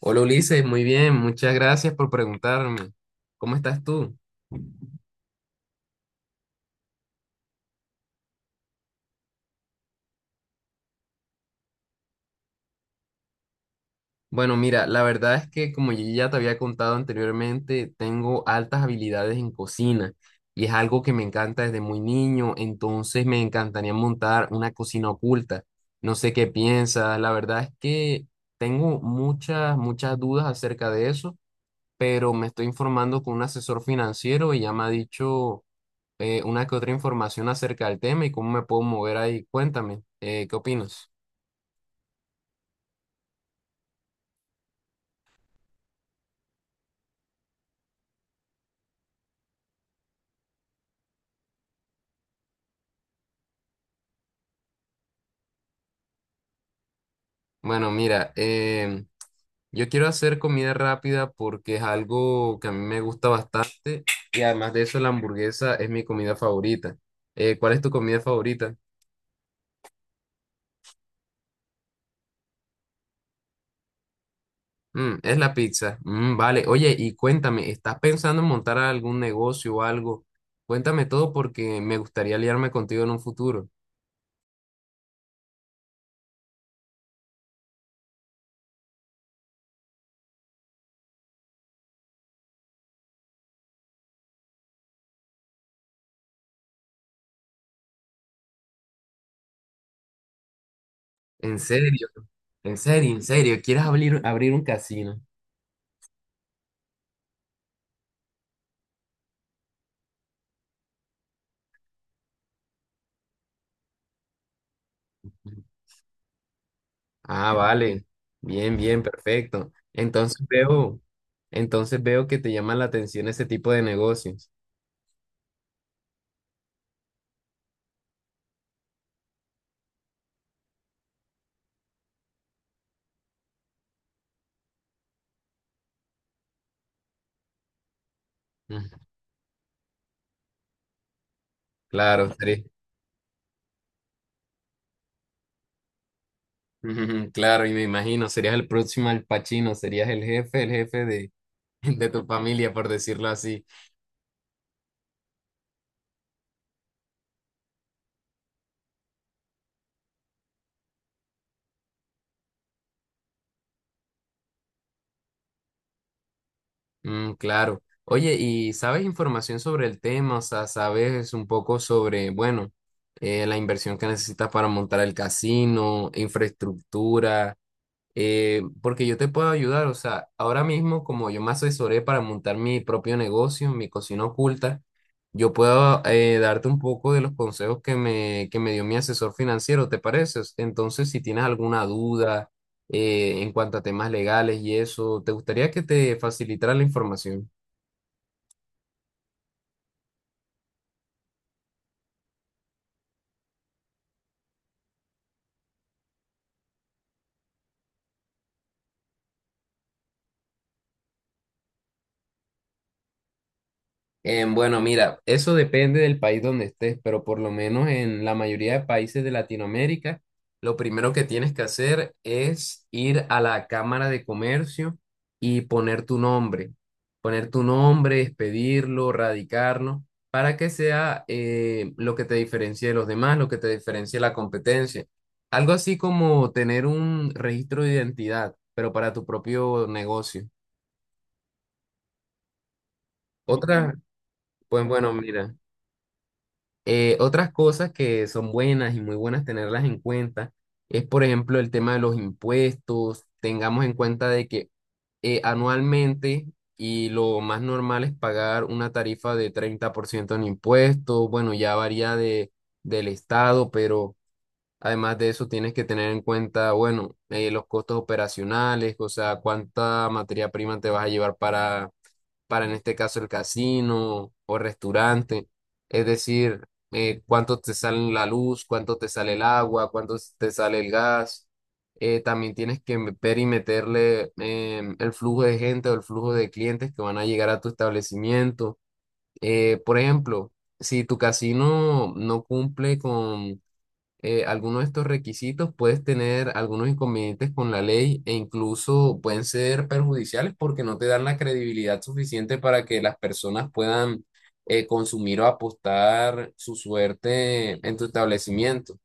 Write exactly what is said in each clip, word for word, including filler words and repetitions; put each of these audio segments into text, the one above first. Hola Ulises, muy bien, muchas gracias por preguntarme. ¿Cómo estás tú? Bueno, mira, la verdad es que, como yo ya te había contado anteriormente, tengo altas habilidades en cocina y es algo que me encanta desde muy niño. Entonces me encantaría montar una cocina oculta. No sé qué piensas. La verdad es que tengo muchas, muchas dudas acerca de eso, pero me estoy informando con un asesor financiero y ya me ha dicho eh, una que otra información acerca del tema y cómo me puedo mover ahí. Cuéntame, eh, ¿qué opinas? Bueno, mira, em, yo quiero hacer comida rápida porque es algo que a mí me gusta bastante, y además de eso la hamburguesa es mi comida favorita. Eh, ¿cuál es tu comida favorita? Mm, es la pizza. Mm, vale, oye, y cuéntame, ¿estás pensando en montar algún negocio o algo? Cuéntame todo porque me gustaría aliarme contigo en un futuro. En serio, en serio, en serio, ¿quieres abrir, abrir un casino? Ah, vale. Bien, bien, perfecto. Entonces veo, entonces veo que te llama la atención ese tipo de negocios. Mm, Claro, seré- ujú, claro, y me imagino, serías el próximo Al Pacino, serías el jefe, el jefe de, de tu familia, por decirlo así. Mm, claro. Oye, ¿y sabes información sobre el tema? O sea, ¿sabes un poco sobre, bueno, eh, la inversión que necesitas para montar el casino, infraestructura? Eh, porque yo te puedo ayudar, o sea, ahora mismo, como yo me asesoré para montar mi propio negocio, mi cocina oculta, yo puedo, eh, darte un poco de los consejos que me, que me dio mi asesor financiero, ¿te parece? Entonces, si tienes alguna duda eh, en cuanto a temas legales y eso, ¿te gustaría que te facilitara la información? Eh, bueno, mira, eso depende del país donde estés, pero por lo menos en la mayoría de países de Latinoamérica, lo primero que tienes que hacer es ir a la Cámara de Comercio y poner tu nombre, poner tu nombre, expedirlo, radicarlo, para que sea, eh, lo que te diferencie de los demás, lo que te diferencie de la competencia. Algo así como tener un registro de identidad, pero para tu propio negocio. Otra, pues bueno, mira. Eh, otras cosas que son buenas y muy buenas tenerlas en cuenta es, por ejemplo, el tema de los impuestos. Tengamos en cuenta de que, eh, anualmente, y lo más normal es pagar una tarifa de treinta por ciento en impuestos. Bueno, ya varía de, del estado. Pero además de eso tienes que tener en cuenta, bueno, eh, los costos operacionales, o sea, cuánta materia prima te vas a llevar para para en este caso el casino o restaurante. Es decir, eh, cuánto te sale la luz, cuánto te sale el agua, cuánto te sale el gas. Eh, también tienes que ver y meterle, em, el flujo de gente o el flujo de clientes que van a llegar a tu establecimiento. Eh, por ejemplo, si tu casino no cumple con, eh, algunos de estos requisitos, puedes tener algunos inconvenientes con la ley e incluso pueden ser perjudiciales porque no te dan la credibilidad suficiente para que las personas puedan, eh, consumir o apostar su suerte en tu establecimiento.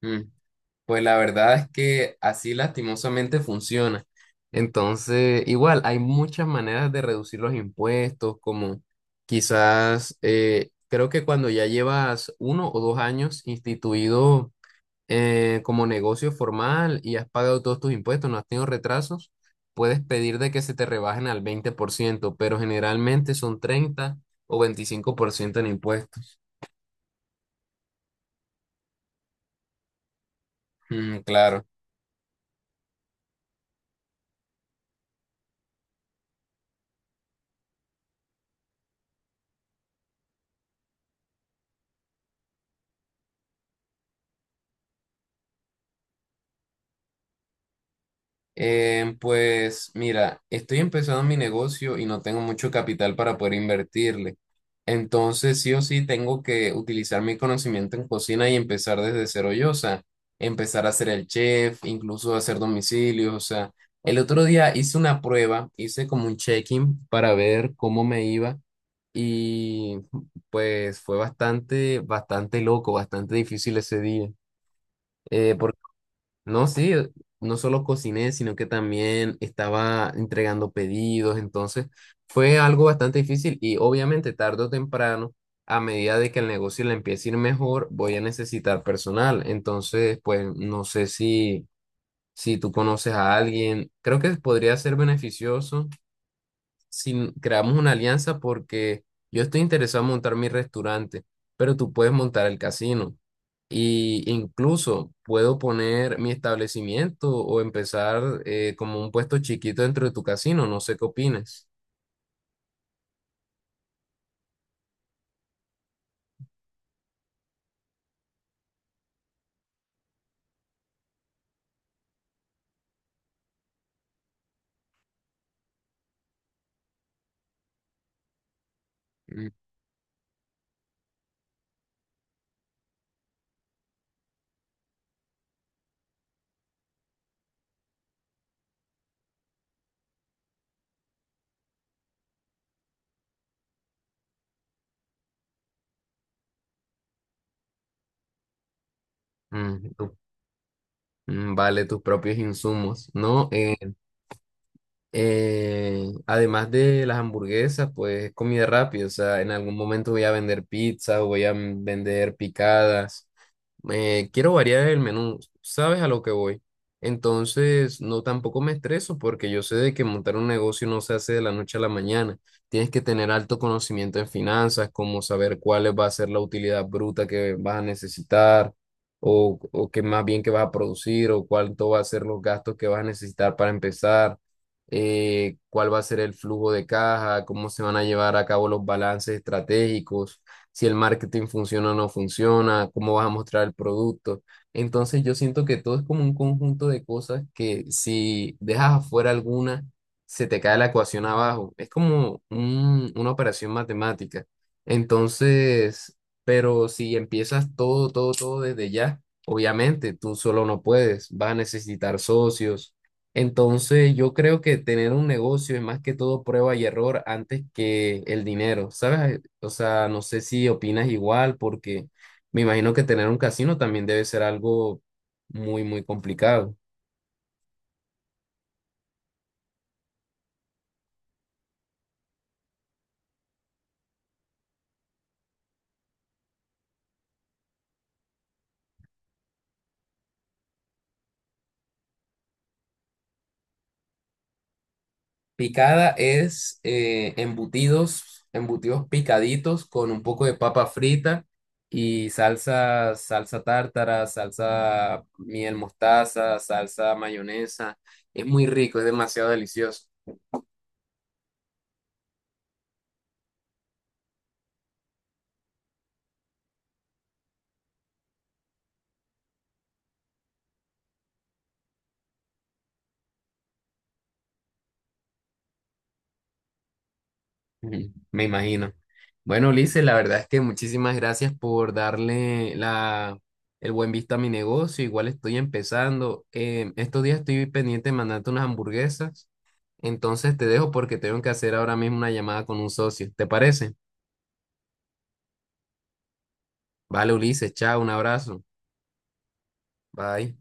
Mm, pues la verdad es que así lastimosamente funciona. Entonces, igual, hay muchas maneras de reducir los impuestos, como quizás, eh, creo que cuando ya llevas uno o dos años instituido eh, como negocio formal y has pagado todos tus impuestos, no has tenido retrasos, puedes pedir de que se te rebajen al veinte por ciento, pero generalmente son treinta o veinticinco por ciento en impuestos. Mm, claro. Eh, pues mira, estoy empezando mi negocio y no tengo mucho capital para poder invertirle. Entonces, sí o sí, tengo que utilizar mi conocimiento en cocina y empezar desde cero yo. O sea, empezar a ser el chef, incluso hacer domicilios. O sea, el otro día hice una prueba, hice como un check-in para ver cómo me iba, y pues fue bastante, bastante loco, bastante difícil ese día. Eh, no, sí, no solo cociné, sino que también estaba entregando pedidos. Entonces fue algo bastante difícil. Y obviamente tarde o temprano, a medida de que el negocio le empiece a ir mejor, voy a necesitar personal. Entonces, pues no sé si, si tú conoces a alguien, creo que podría ser beneficioso si creamos una alianza, porque yo estoy interesado en montar mi restaurante, pero tú puedes montar el casino. Y incluso puedo poner mi establecimiento o empezar, eh, como un puesto chiquito dentro de tu casino. No sé qué opines. Mm, mm, tú- mm, vale, tus propios insumos, ¿no? Eh, eh, además de las hamburguesas, pues es comida rápida, o sea, en algún momento voy a vender pizza o voy a, mm, vender picadas. Me quiero variar el menú, ¿sabes a lo que voy? Entonces, no, tampoco me estreso porque yo sé de que montar un negocio no se hace de la noche a la mañana. Tienes que tener alto conocimiento en finanzas, como saber cuál va a ser la utilidad bruta que vas a necesitar, o, o qué más bien que vas a producir, o cuánto va a ser los gastos que vas a necesitar para empezar, eh, cuál va a ser el flujo de caja, cómo se van a llevar a cabo los balances estratégicos, si el marketing funciona o no funciona, cómo vas a mostrar el producto. Entonces yo siento que todo es como un conjunto de cosas que si dejas afuera alguna, se te cae la ecuación abajo. Es como un- una operación matemática. Entonces, pero si empiezas todo, todo, todo desde ya, obviamente tú solo no puedes, vas a necesitar socios. Entonces, yo creo que tener un negocio es más que todo prueba y error antes que el dinero, ¿sabes? O sea, no sé si opinas igual, porque me imagino que tener un casino también debe ser algo muy, muy complicado. Picada es, eh, embutidos, embutidos picaditos con un poco de papa frita y salsa, salsa tártara, salsa miel mostaza, salsa mayonesa. Es muy rico, es demasiado delicioso. Ujú, me imagino. Bueno, Ulises, la verdad es que muchísimas gracias por darle la, el buen visto a mi negocio. Igual estoy empezando. Eh, estos días estoy pendiente de mandarte unas hamburguesas. Entonces te dejo porque tengo que hacer ahora mismo una llamada con un socio. ¿Te parece? Vale, Ulises, chao, un abrazo. Bye.